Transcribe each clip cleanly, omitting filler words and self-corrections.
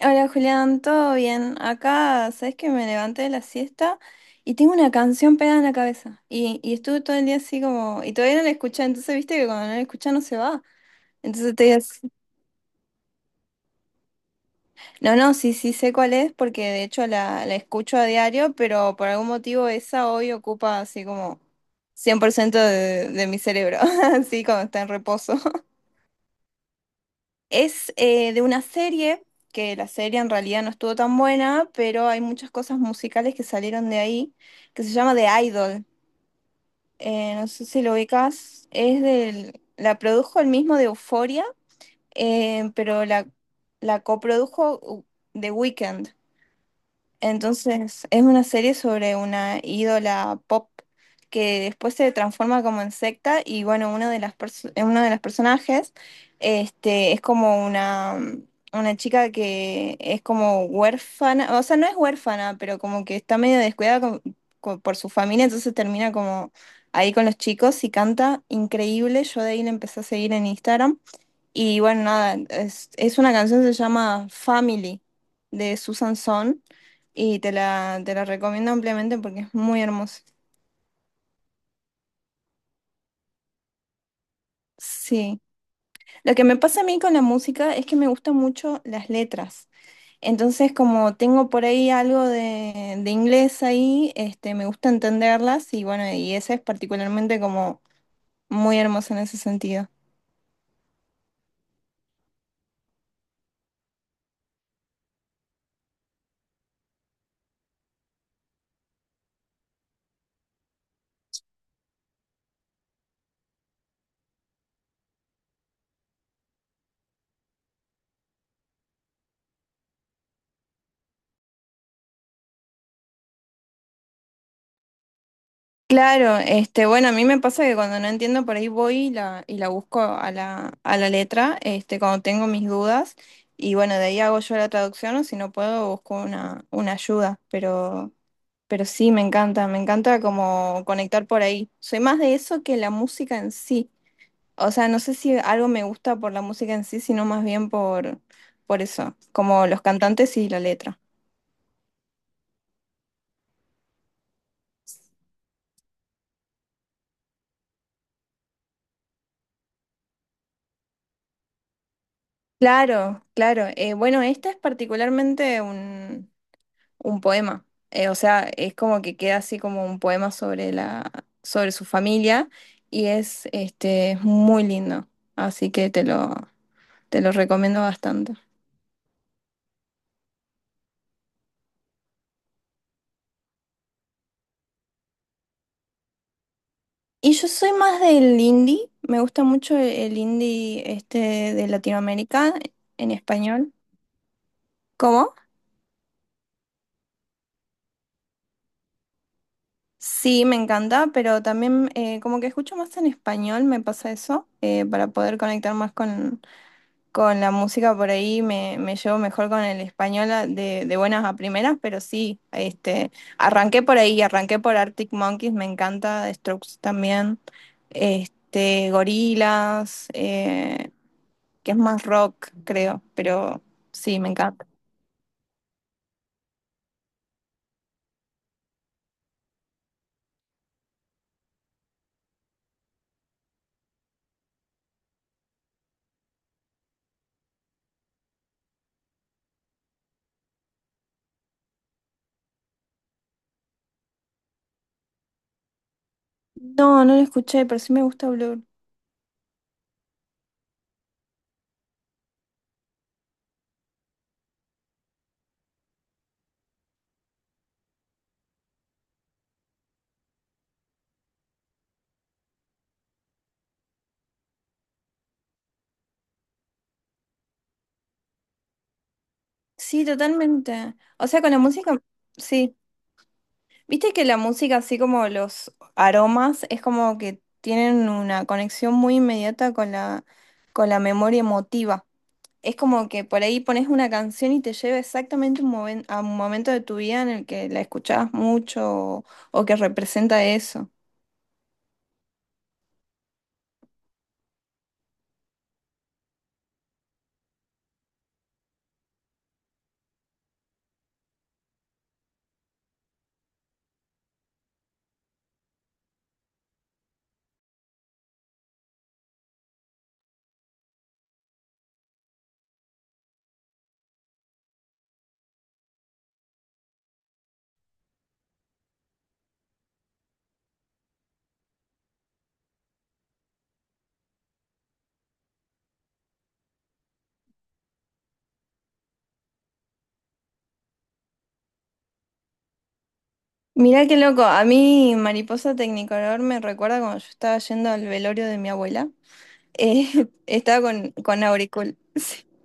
Hola Julián, ¿todo bien? Acá, sabes que me levanté de la siesta y tengo una canción pegada en la cabeza. Y estuve todo el día así como. Y todavía no la escuché, entonces viste que cuando no la escuchas no se va. Entonces te digas. No, no, sí, sí sé cuál es, porque de hecho la escucho a diario, pero por algún motivo esa hoy ocupa así como 100% de mi cerebro, así como está en reposo. Es de una serie, que la serie en realidad no estuvo tan buena, pero hay muchas cosas musicales que salieron de ahí, que se llama The Idol. No sé si lo ubicas. Es del, la produjo el mismo de Euphoria, pero la coprodujo The Weeknd. Entonces, es una serie sobre una ídola pop que después se transforma como en secta y bueno, uno de las uno de los personajes es como una chica que es como huérfana, o sea, no es huérfana, pero como que está medio descuidada por su familia, entonces termina como ahí con los chicos y canta increíble. Yo de ahí le empecé a seguir en Instagram. Y bueno, nada, es una canción que se llama Family de Susan Son y te la recomiendo ampliamente porque es muy hermosa. Sí. Lo que me pasa a mí con la música es que me gustan mucho las letras. Entonces, como tengo por ahí algo de inglés ahí, me gusta entenderlas y bueno, y esa es particularmente como muy hermosa en ese sentido. Claro, bueno, a mí me pasa que cuando no entiendo por ahí voy y la busco a la letra, cuando tengo mis dudas, y bueno, de ahí hago yo la traducción, o si no puedo, busco una ayuda, pero sí, me encanta como conectar por ahí. Soy más de eso que la música en sí. O sea, no sé si algo me gusta por la música en sí, sino más bien por eso, como los cantantes y la letra. Claro, claro. Bueno, esta es particularmente un poema. O sea, es como que queda así como un poema sobre la, sobre su familia y es muy lindo. Así que te lo recomiendo bastante. Y yo soy más del indie, me gusta mucho el indie este de Latinoamérica en español. ¿Cómo? Sí, me encanta, pero también como que escucho más en español, me pasa eso, para poder conectar más con la música por ahí me, me llevo mejor con el español de buenas a primeras, pero sí, arranqué por ahí, arranqué por Arctic Monkeys, me encanta, The Strokes también, Gorilas, que es más rock, creo, pero sí, me encanta. No, no lo escuché, pero sí me gusta Blur. Sí, totalmente. O sea, con la música, sí. Viste que la música, así como los aromas, es como que tienen una conexión muy inmediata con la memoria emotiva. Es como que por ahí pones una canción y te lleva exactamente un a un momento de tu vida en el que la escuchabas mucho o que representa eso. Mirá qué loco, a mí Mariposa Tecnicolor me recuerda cuando yo estaba yendo al velorio de mi abuela. Estaba con auriculares.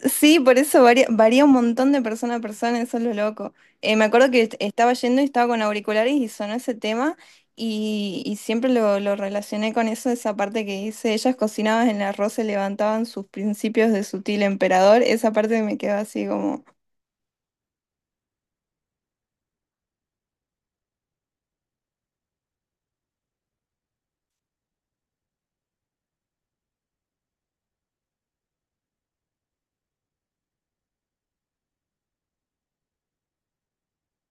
Sí, por eso varía, varía un montón de persona a persona, eso es lo loco. Me acuerdo que estaba yendo y estaba con auriculares y sonó ese tema y siempre lo relacioné con eso, esa parte que dice, ellas cocinaban en el arroz, se levantaban sus principios de sutil emperador, esa parte me quedó así como...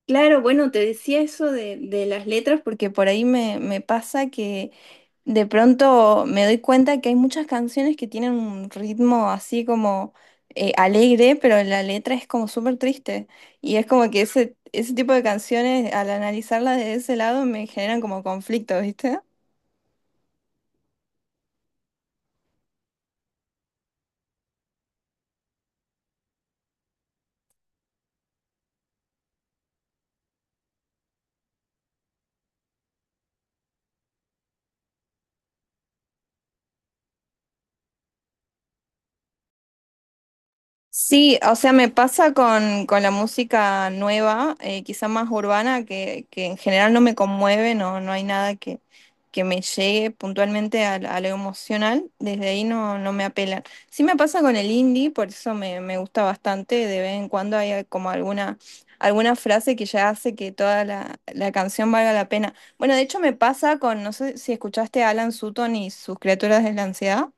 Claro, bueno, te decía eso de las letras porque por ahí me, me pasa. De pronto me doy cuenta que hay muchas canciones que tienen un ritmo así como alegre, pero la letra es como súper triste. Y es como que ese tipo de canciones, al analizarlas desde ese lado, me generan como conflicto, ¿viste? Sí, o sea, me pasa con la música nueva, quizá más urbana, que en general no me conmueve, no, no hay nada que, que me llegue puntualmente a, a lo emocional, desde ahí no, no me apelan. Sí me pasa con el indie, por eso me, me gusta bastante, de vez en cuando hay como alguna, alguna frase que ya hace que toda la, la canción valga la pena. Bueno, de hecho me pasa con, no sé si escuchaste a Alan Sutton y sus criaturas de la ansiedad.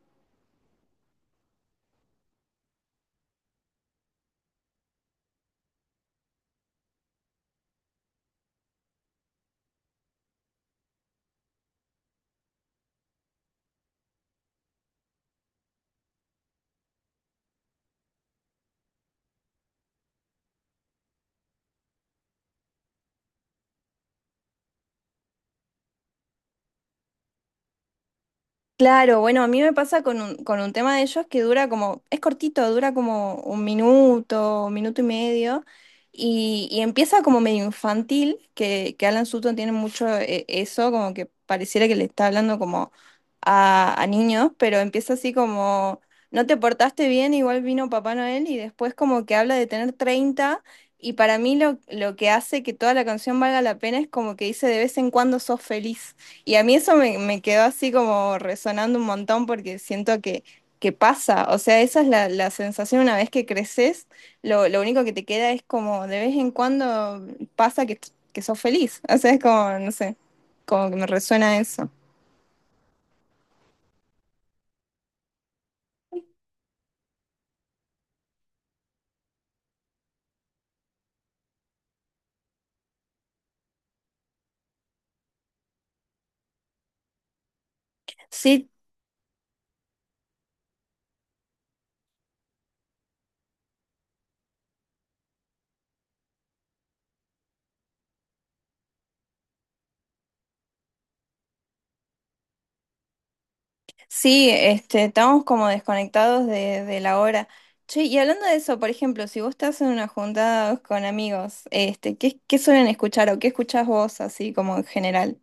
Claro, bueno, a mí me pasa con un tema de ellos que dura como, es cortito, dura como un minuto y medio, y empieza como medio infantil, que Alan Sutton tiene mucho eso, como que pareciera que le está hablando como a niños, pero empieza así como, no te portaste bien, igual vino Papá Noel, y después como que habla de tener 30 y para mí lo que hace que toda la canción valga la pena es como que dice de vez en cuando sos feliz. Y a mí eso me, me quedó así como resonando un montón porque siento que pasa, o sea, esa es la, la sensación una vez que creces, lo único que te queda es como de vez en cuando pasa que sos feliz, o sea, es como, no sé, como que me resuena eso. Sí, sí, estamos como desconectados de la hora. Che, y hablando de eso, por ejemplo, si vos estás en una juntada con amigos, ¿qué, qué suelen escuchar o qué escuchás vos así como en general?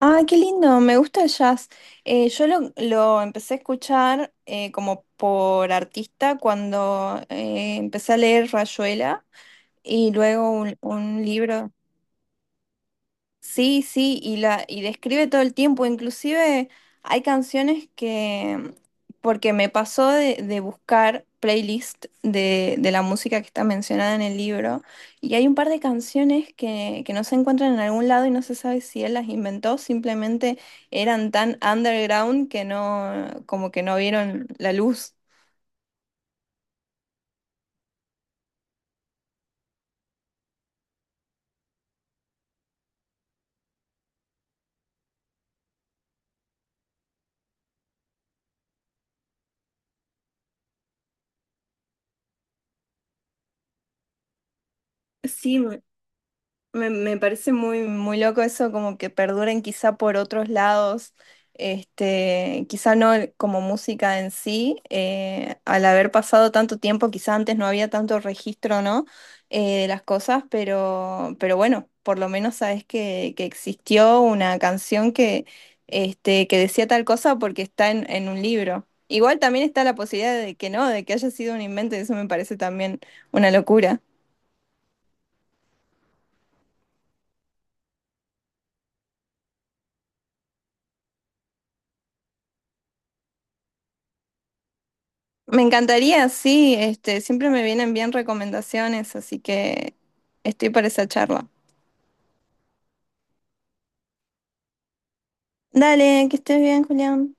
Ah, qué lindo, me gusta el jazz. Yo lo empecé a escuchar como por artista cuando empecé a leer Rayuela y luego un libro. Sí, sí, y la y describe todo el tiempo, inclusive hay canciones que, porque me pasó de buscar playlist de la música que está mencionada en el libro, y hay un par de canciones que no se encuentran en algún lado y no se sabe si él las inventó, simplemente eran tan underground que no, como que no vieron la luz. Sí, me parece muy, muy loco eso, como que perduren quizá por otros lados, quizá no como música en sí, al haber pasado tanto tiempo, quizá antes no había tanto registro, ¿no? De las cosas, pero bueno, por lo menos sabes que existió una canción que, que decía tal cosa porque está en un libro. Igual también está la posibilidad de que no, de que haya sido un invento, y eso me parece también una locura. Me encantaría, sí, siempre me vienen bien recomendaciones, así que estoy para esa charla. Dale, que estés bien, Julián.